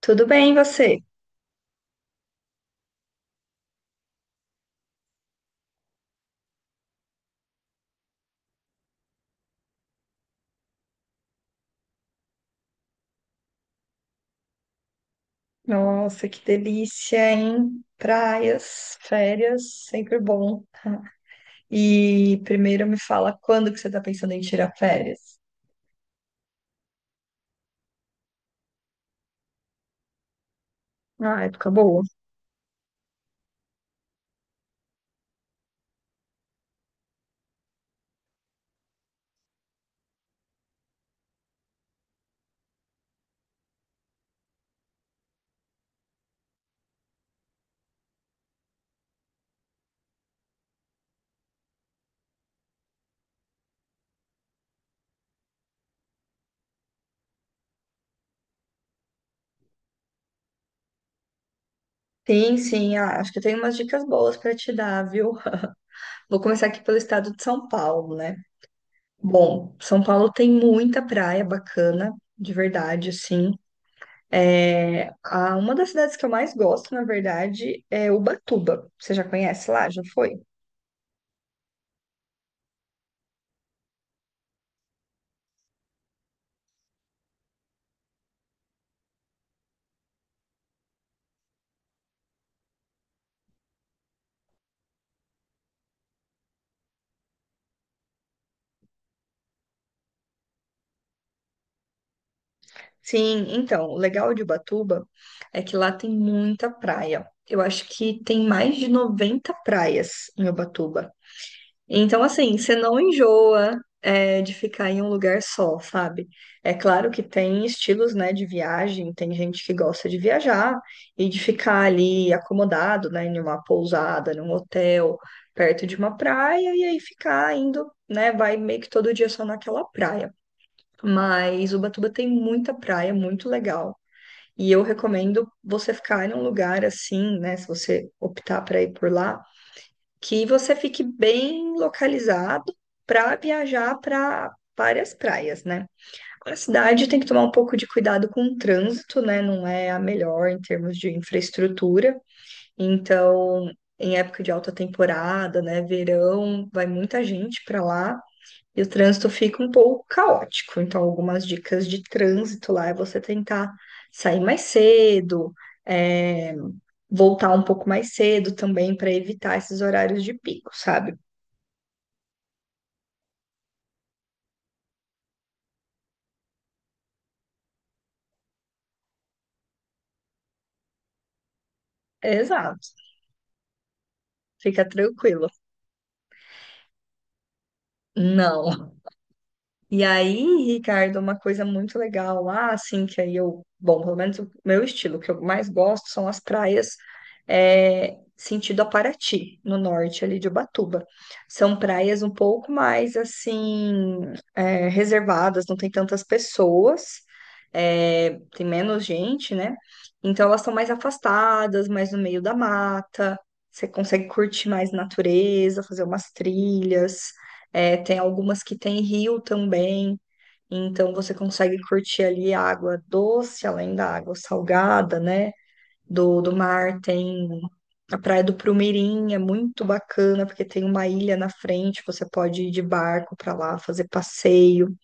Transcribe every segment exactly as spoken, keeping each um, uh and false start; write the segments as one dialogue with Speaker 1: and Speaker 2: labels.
Speaker 1: Tudo bem, e você? Nossa, que delícia, hein? Praias, férias, sempre bom. E primeiro me fala quando que você tá pensando em tirar férias? Ah, época boa. Sim, sim, ah, acho que eu tenho umas dicas boas para te dar, viu? Vou começar aqui pelo estado de São Paulo, né? Bom, São Paulo tem muita praia bacana, de verdade, assim. É, a- uma das cidades que eu mais gosto, na verdade, é Ubatuba. Você já conhece lá? Já foi? Sim, então, o legal de Ubatuba é que lá tem muita praia. Eu acho que tem mais de noventa praias em Ubatuba. Então, assim, você não enjoa, é, de ficar em um lugar só, sabe? É claro que tem estilos, né, de viagem, tem gente que gosta de viajar e de ficar ali acomodado, né, em uma pousada, num hotel, perto de uma praia, e aí ficar indo, né, vai meio que todo dia só naquela praia. Mas Ubatuba tem muita praia, muito legal. E eu recomendo você ficar em um lugar assim, né? Se você optar para ir por lá, que você fique bem localizado para viajar para várias praias, né? A cidade tem que tomar um pouco de cuidado com o trânsito, né? Não é a melhor em termos de infraestrutura. Então, em época de alta temporada, né? Verão, vai muita gente para lá. E o trânsito fica um pouco caótico. Então, algumas dicas de trânsito lá é você tentar sair mais cedo, é, voltar um pouco mais cedo também para evitar esses horários de pico, sabe? Exato. Fica tranquilo. Não. E aí, Ricardo, uma coisa muito legal lá, assim, que aí eu, bom, pelo menos o meu estilo, o que eu mais gosto são as praias, é, sentido a Paraty, no norte ali de Ubatuba. São praias um pouco mais, assim, é, reservadas, não tem tantas pessoas, é, tem menos gente, né? Então elas são mais afastadas, mais no meio da mata, você consegue curtir mais natureza, fazer umas trilhas. É, tem algumas que tem rio também, então você consegue curtir ali a água doce, além da água salgada, né? Do, do mar, tem a Praia do Prumirim, é muito bacana, porque tem uma ilha na frente, você pode ir de barco para lá, fazer passeio.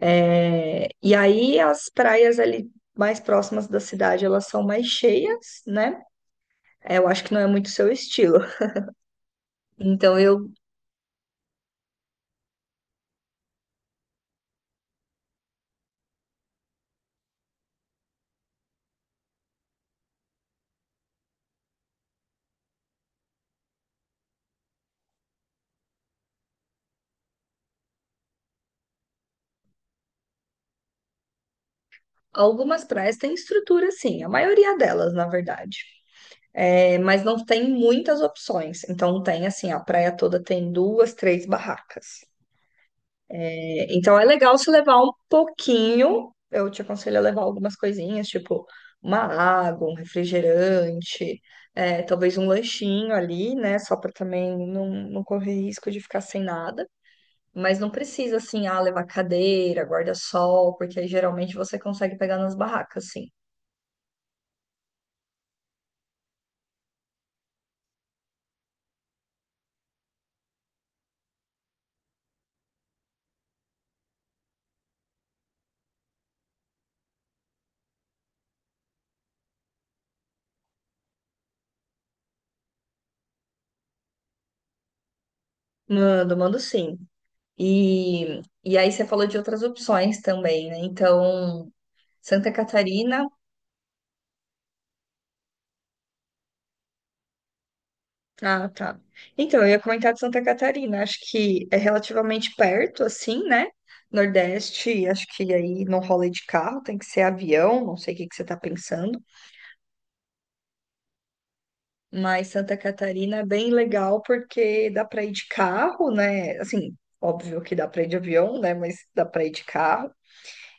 Speaker 1: É, e aí as praias ali mais próximas da cidade, elas são mais cheias, né? É, eu acho que não é muito seu estilo. Então, eu, algumas praias têm estrutura, sim, a maioria delas, na verdade. É, mas não tem muitas opções. Então tem assim, a praia toda tem duas, três barracas. É, então é legal se levar um pouquinho. Eu te aconselho a levar algumas coisinhas, tipo uma água, um refrigerante, é, talvez um lanchinho ali, né? Só para também não, não correr risco de ficar sem nada. Mas não precisa assim, ah, levar cadeira, guarda-sol, porque aí geralmente você consegue pegar nas barracas, sim. Mando, mando sim. E, e aí você falou de outras opções também, né? Então, Santa Catarina. Ah, tá. Então, eu ia comentar de Santa Catarina. Acho que é relativamente perto, assim, né? Nordeste, acho que aí não rola de carro, tem que ser avião, não sei o que que você tá pensando. Mas Santa Catarina é bem legal porque dá para ir de carro, né? Assim, óbvio que dá para ir de avião, né? Mas dá para ir de carro.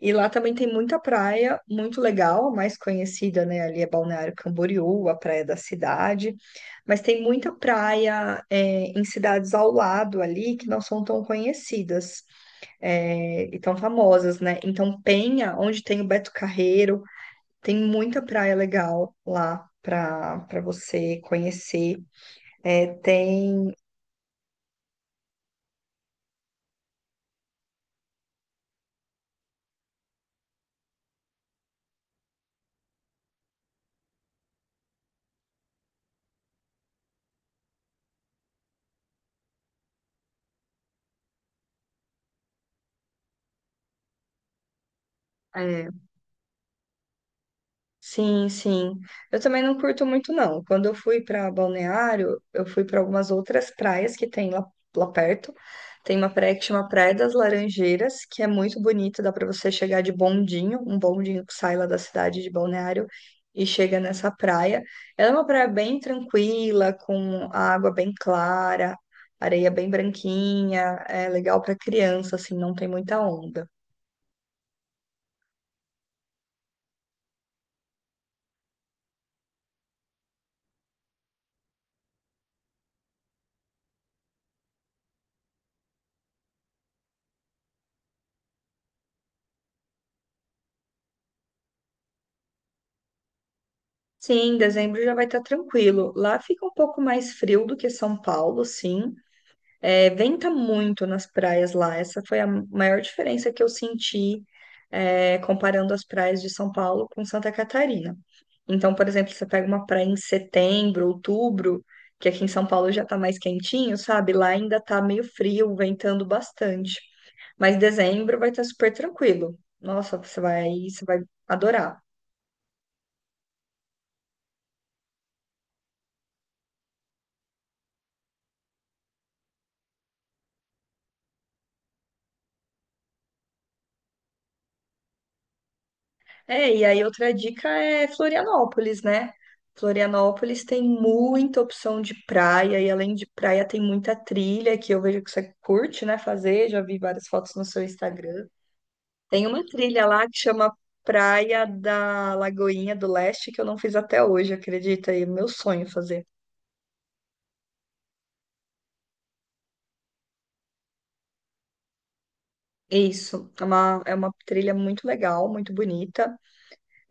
Speaker 1: E lá também tem muita praia, muito legal, a mais conhecida, né? Ali é Balneário Camboriú, a praia da cidade. Mas tem muita praia, é, em cidades ao lado ali que não são tão conhecidas, é, e tão famosas, né? Então, Penha, onde tem o Beto Carreiro, tem muita praia legal lá para para você conhecer. É, tem é, sim, sim. Eu também não curto muito, não. Quando eu fui para Balneário, eu fui para algumas outras praias que tem lá, lá, perto. Tem uma praia que chama Praia das Laranjeiras, que é muito bonita, dá para você chegar de bondinho, um bondinho que sai lá da cidade de Balneário e chega nessa praia. Ela é uma praia bem tranquila, com a água bem clara, areia bem branquinha, é legal para criança, assim, não tem muita onda. Sim, dezembro já vai estar tranquilo. Lá fica um pouco mais frio do que São Paulo, sim. É, venta muito nas praias lá. Essa foi a maior diferença que eu senti, é, comparando as praias de São Paulo com Santa Catarina. Então, por exemplo, você pega uma praia em setembro, outubro, que aqui em São Paulo já tá mais quentinho, sabe? Lá ainda tá meio frio, ventando bastante. Mas dezembro vai estar super tranquilo. Nossa, você vai, você vai adorar. É, e aí outra dica é Florianópolis, né? Florianópolis tem muita opção de praia, e além de praia, tem muita trilha que eu vejo que você curte, né? Fazer, já vi várias fotos no seu Instagram. Tem uma trilha lá que chama Praia da Lagoinha do Leste, que eu não fiz até hoje, acredita? E é meu sonho fazer. Isso, é uma, é uma trilha muito legal, muito bonita.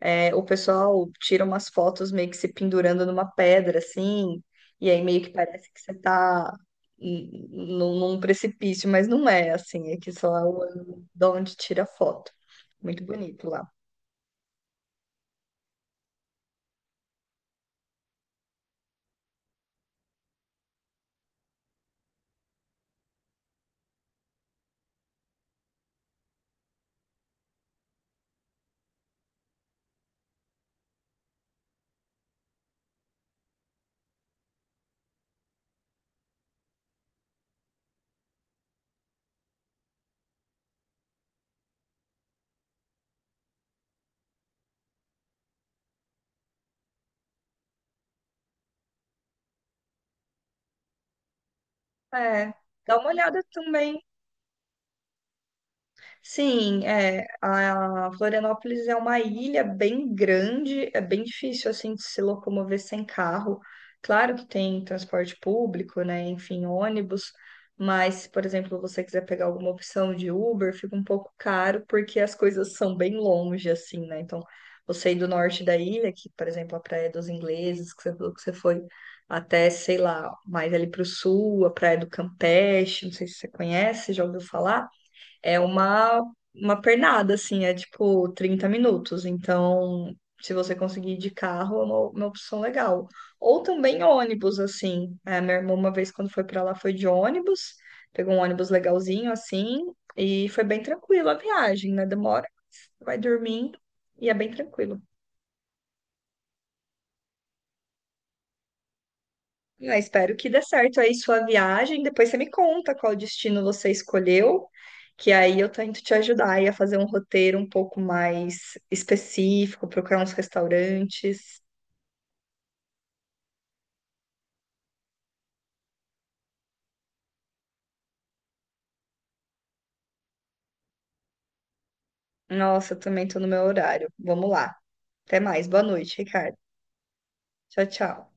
Speaker 1: É, o pessoal tira umas fotos meio que se pendurando numa pedra, assim, e aí meio que parece que você tá n- num, num precipício, mas não é, assim, é que só é o ângulo de onde tira a foto. Muito bonito lá. É, dá uma olhada também sim, é, a Florianópolis é uma ilha bem grande, é bem difícil assim de se locomover sem carro. Claro que tem transporte público, né, enfim, ônibus, mas se, por exemplo, você quiser pegar alguma opção de Uber, fica um pouco caro porque as coisas são bem longe assim, né? Então, você ir do norte da ilha, que, por exemplo, a Praia dos Ingleses, que você falou que você foi até, sei lá, mais ali para o sul, a Praia do Campeche, não sei se você conhece, já ouviu falar? É uma, uma pernada, assim, é tipo trinta minutos. Então, se você conseguir ir de carro, é uma, uma opção legal. Ou também ônibus, assim. É, minha irmã, uma vez quando foi pra lá, foi de ônibus, pegou um ônibus legalzinho, assim, e foi bem tranquilo a viagem, né? Demora, vai dormindo e é bem tranquilo. Ah, espero que dê certo aí sua viagem. Depois você me conta qual destino você escolheu, que aí eu tento te ajudar aí a fazer um roteiro um pouco mais específico, procurar uns restaurantes. Nossa, eu também tô no meu horário. Vamos lá. Até mais. Boa noite, Ricardo. Tchau, tchau.